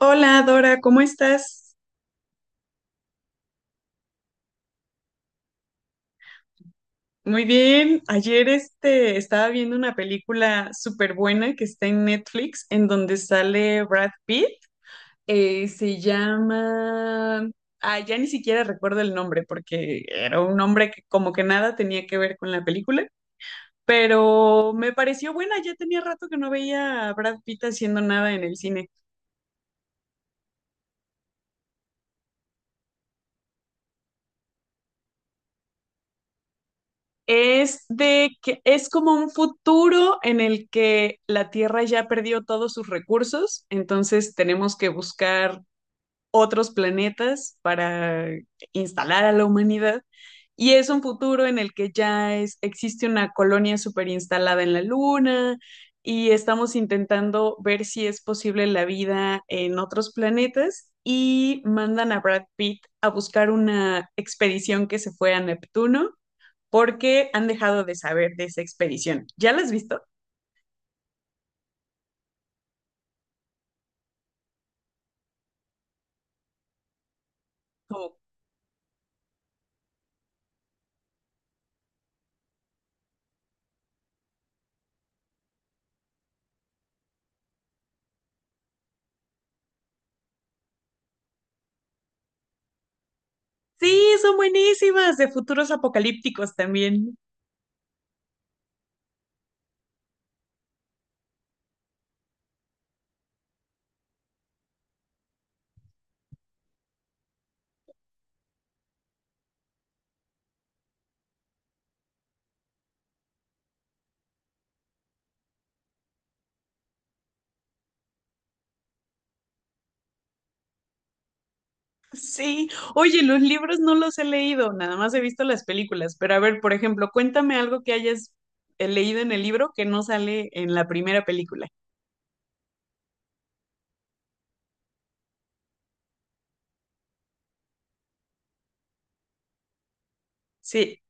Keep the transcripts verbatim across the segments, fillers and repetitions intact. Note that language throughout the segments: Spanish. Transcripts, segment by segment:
Hola Dora, ¿cómo estás? Muy bien. Ayer este, estaba viendo una película súper buena que está en Netflix, en donde sale Brad Pitt. Eh, se llama... Ah, ya ni siquiera recuerdo el nombre porque era un nombre que como que nada tenía que ver con la película, pero me pareció buena. Ya tenía rato que no veía a Brad Pitt haciendo nada en el cine. Es de que es como un futuro en el que la Tierra ya perdió todos sus recursos, entonces tenemos que buscar otros planetas para instalar a la humanidad. Y es un futuro en el que ya es, existe una colonia super instalada en la Luna y estamos intentando ver si es posible la vida en otros planetas y mandan a Brad Pitt a buscar una expedición que se fue a Neptuno porque han dejado de saber de esa expedición. ¿Ya las has visto? Como, sí, son buenísimas, de futuros apocalípticos también. Sí, oye, los libros no los he leído, nada más he visto las películas, pero a ver, por ejemplo, cuéntame algo que hayas eh, leído en el libro que no sale en la primera película. Sí.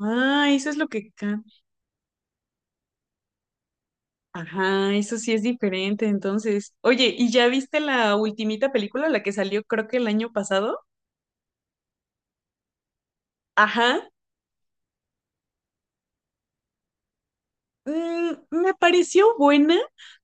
Ah, eso es lo que cambia. Ajá, eso sí es diferente, entonces. Oye, ¿y ya viste la ultimita película, la que salió creo que el año pasado? Ajá. Mm, me pareció buena,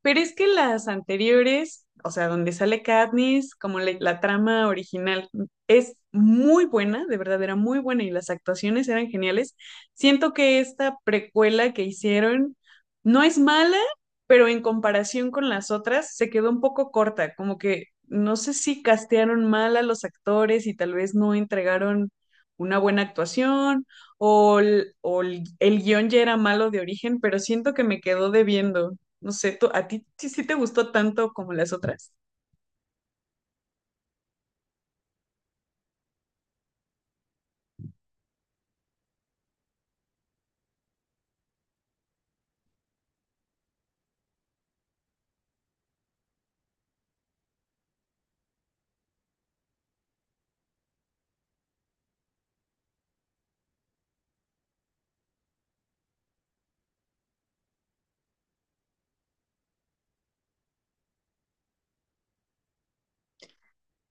pero es que las anteriores, o sea, donde sale Katniss, como la, la trama original, mm, es muy buena, de verdad era muy buena y las actuaciones eran geniales. Siento que esta precuela que hicieron no es mala, pero en comparación con las otras se quedó un poco corta, como que no sé si castearon mal a los actores y tal vez no entregaron una buena actuación o, el, o el- el guión ya era malo de origen, pero siento que me quedó debiendo. No sé, ¿tú- ¿a ti sí, sí te gustó tanto como las otras?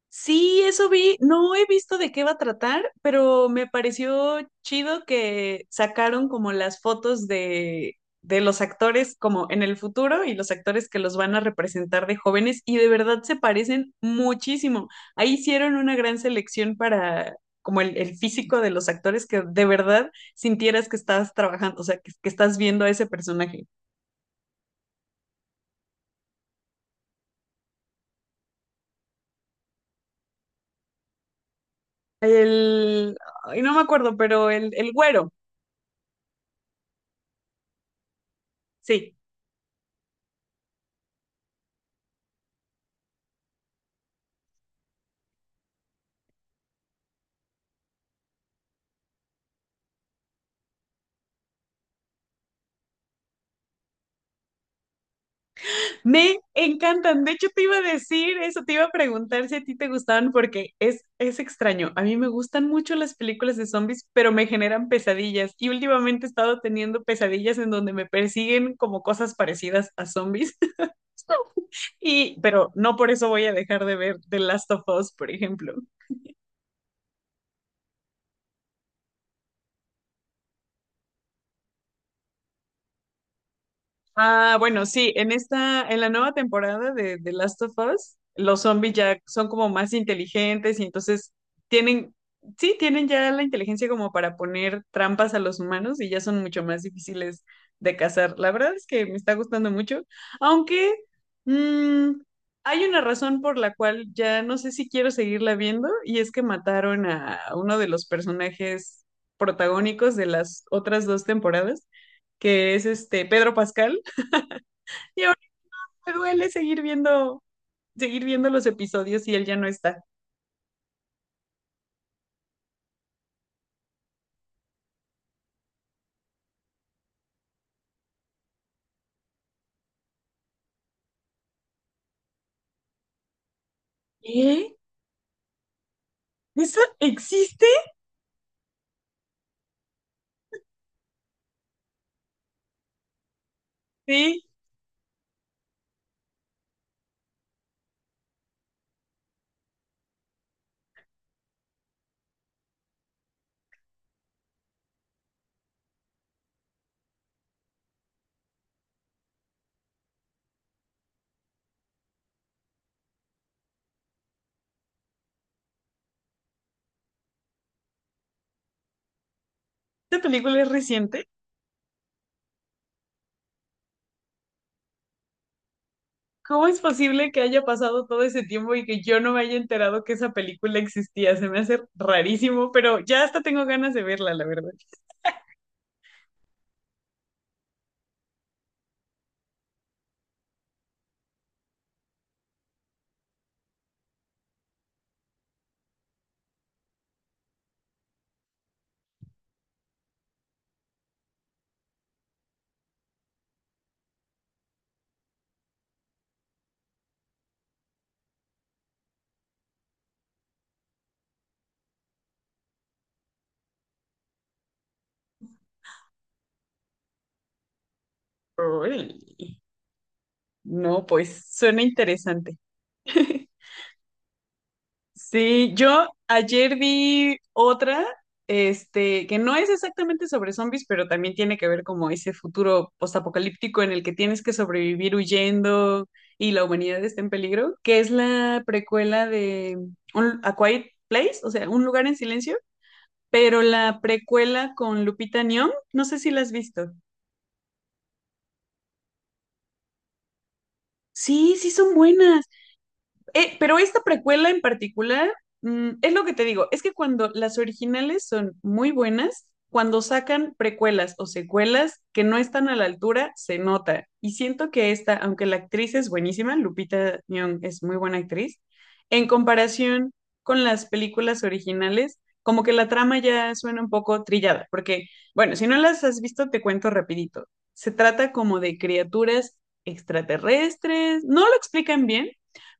Sí, eso vi. No he visto de qué va a tratar, pero me pareció chido que sacaron como las fotos de, de los actores como en el futuro y los actores que los van a representar de jóvenes y de verdad se parecen muchísimo. Ahí hicieron una gran selección para como el, el físico de los actores que de verdad sintieras que estás trabajando, o sea, que, que estás viendo a ese personaje. El, ay, no me acuerdo, pero el, el güero, sí. Me encantan. De hecho, te iba a decir eso, te iba a preguntar si a ti te gustaban porque es, es extraño. A mí me gustan mucho las películas de zombies, pero me generan pesadillas. Y últimamente he estado teniendo pesadillas en donde me persiguen como cosas parecidas a zombies. Y, pero no por eso voy a dejar de ver The Last of Us, por ejemplo. Ah, bueno, sí, en esta, en la nueva temporada de The Last of Us, los zombies ya son como más inteligentes y entonces tienen, sí, tienen ya la inteligencia como para poner trampas a los humanos y ya son mucho más difíciles de cazar. La verdad es que me está gustando mucho, aunque mm, hay una razón por la cual ya no sé si quiero seguirla viendo y es que mataron a uno de los personajes protagónicos de las otras dos temporadas, que es este Pedro Pascal, y ahora me duele seguir viendo, seguir viendo los episodios y él ya no está. ¿Eh? ¿Eso existe? Sí, esta película es reciente. ¿Cómo es posible que haya pasado todo ese tiempo y que yo no me haya enterado que esa película existía? Se me hace rarísimo, pero ya hasta tengo ganas de verla, la verdad. Uy, no, pues suena interesante. Sí, yo ayer vi otra, este, que no es exactamente sobre zombies, pero también tiene que ver como ese futuro postapocalíptico en el que tienes que sobrevivir huyendo y la humanidad está en peligro, que es la precuela de un, A Quiet Place, o sea, Un lugar en silencio, pero la precuela con Lupita Nyong'o, no sé si la has visto. Sí, sí son buenas. Eh, pero esta precuela en particular, mm, es lo que te digo, es que cuando las originales son muy buenas, cuando sacan precuelas o secuelas que no están a la altura, se nota. Y siento que esta, aunque la actriz es buenísima, Lupita Nyong es muy buena actriz, en comparación con las películas originales, como que la trama ya suena un poco trillada, porque, bueno, si no las has visto, te cuento rapidito. Se trata como de criaturas extraterrestres, no lo explican bien,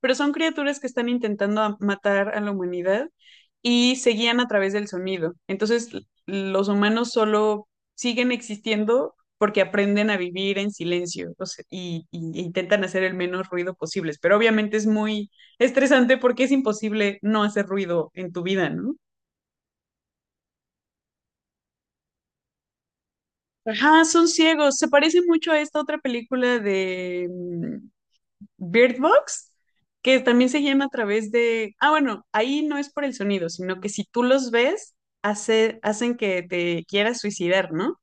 pero son criaturas que están intentando a- matar a la humanidad y se guían a través del sonido. Entonces, l- los humanos solo siguen existiendo porque aprenden a vivir en silencio, o sea, y, y e intentan hacer el menos ruido posible. Pero obviamente es muy estresante porque es imposible no hacer ruido en tu vida, ¿no? Ajá, son ciegos. Se parece mucho a esta otra película de mm, Bird Box, que también se guían a través de, ah, bueno, ahí no es por el sonido, sino que si tú los ves, hace, hacen que te quieras suicidar, ¿no?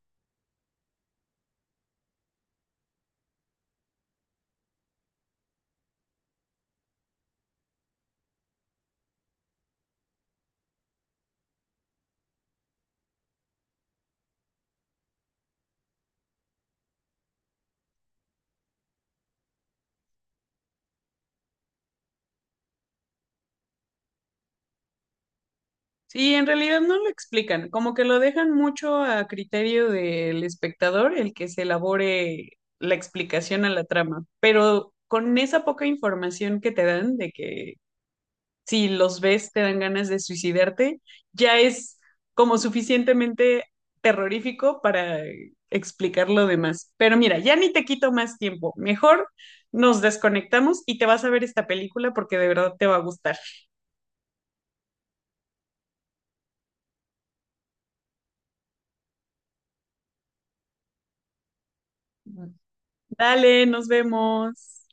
Sí, en realidad no lo explican, como que lo dejan mucho a criterio del espectador el que se elabore la explicación a la trama, pero con esa poca información que te dan de que si los ves te dan ganas de suicidarte, ya es como suficientemente terrorífico para explicar lo demás. Pero mira, ya ni te quito más tiempo. Mejor nos desconectamos y te vas a ver esta película porque de verdad te va a gustar. Dale, nos vemos.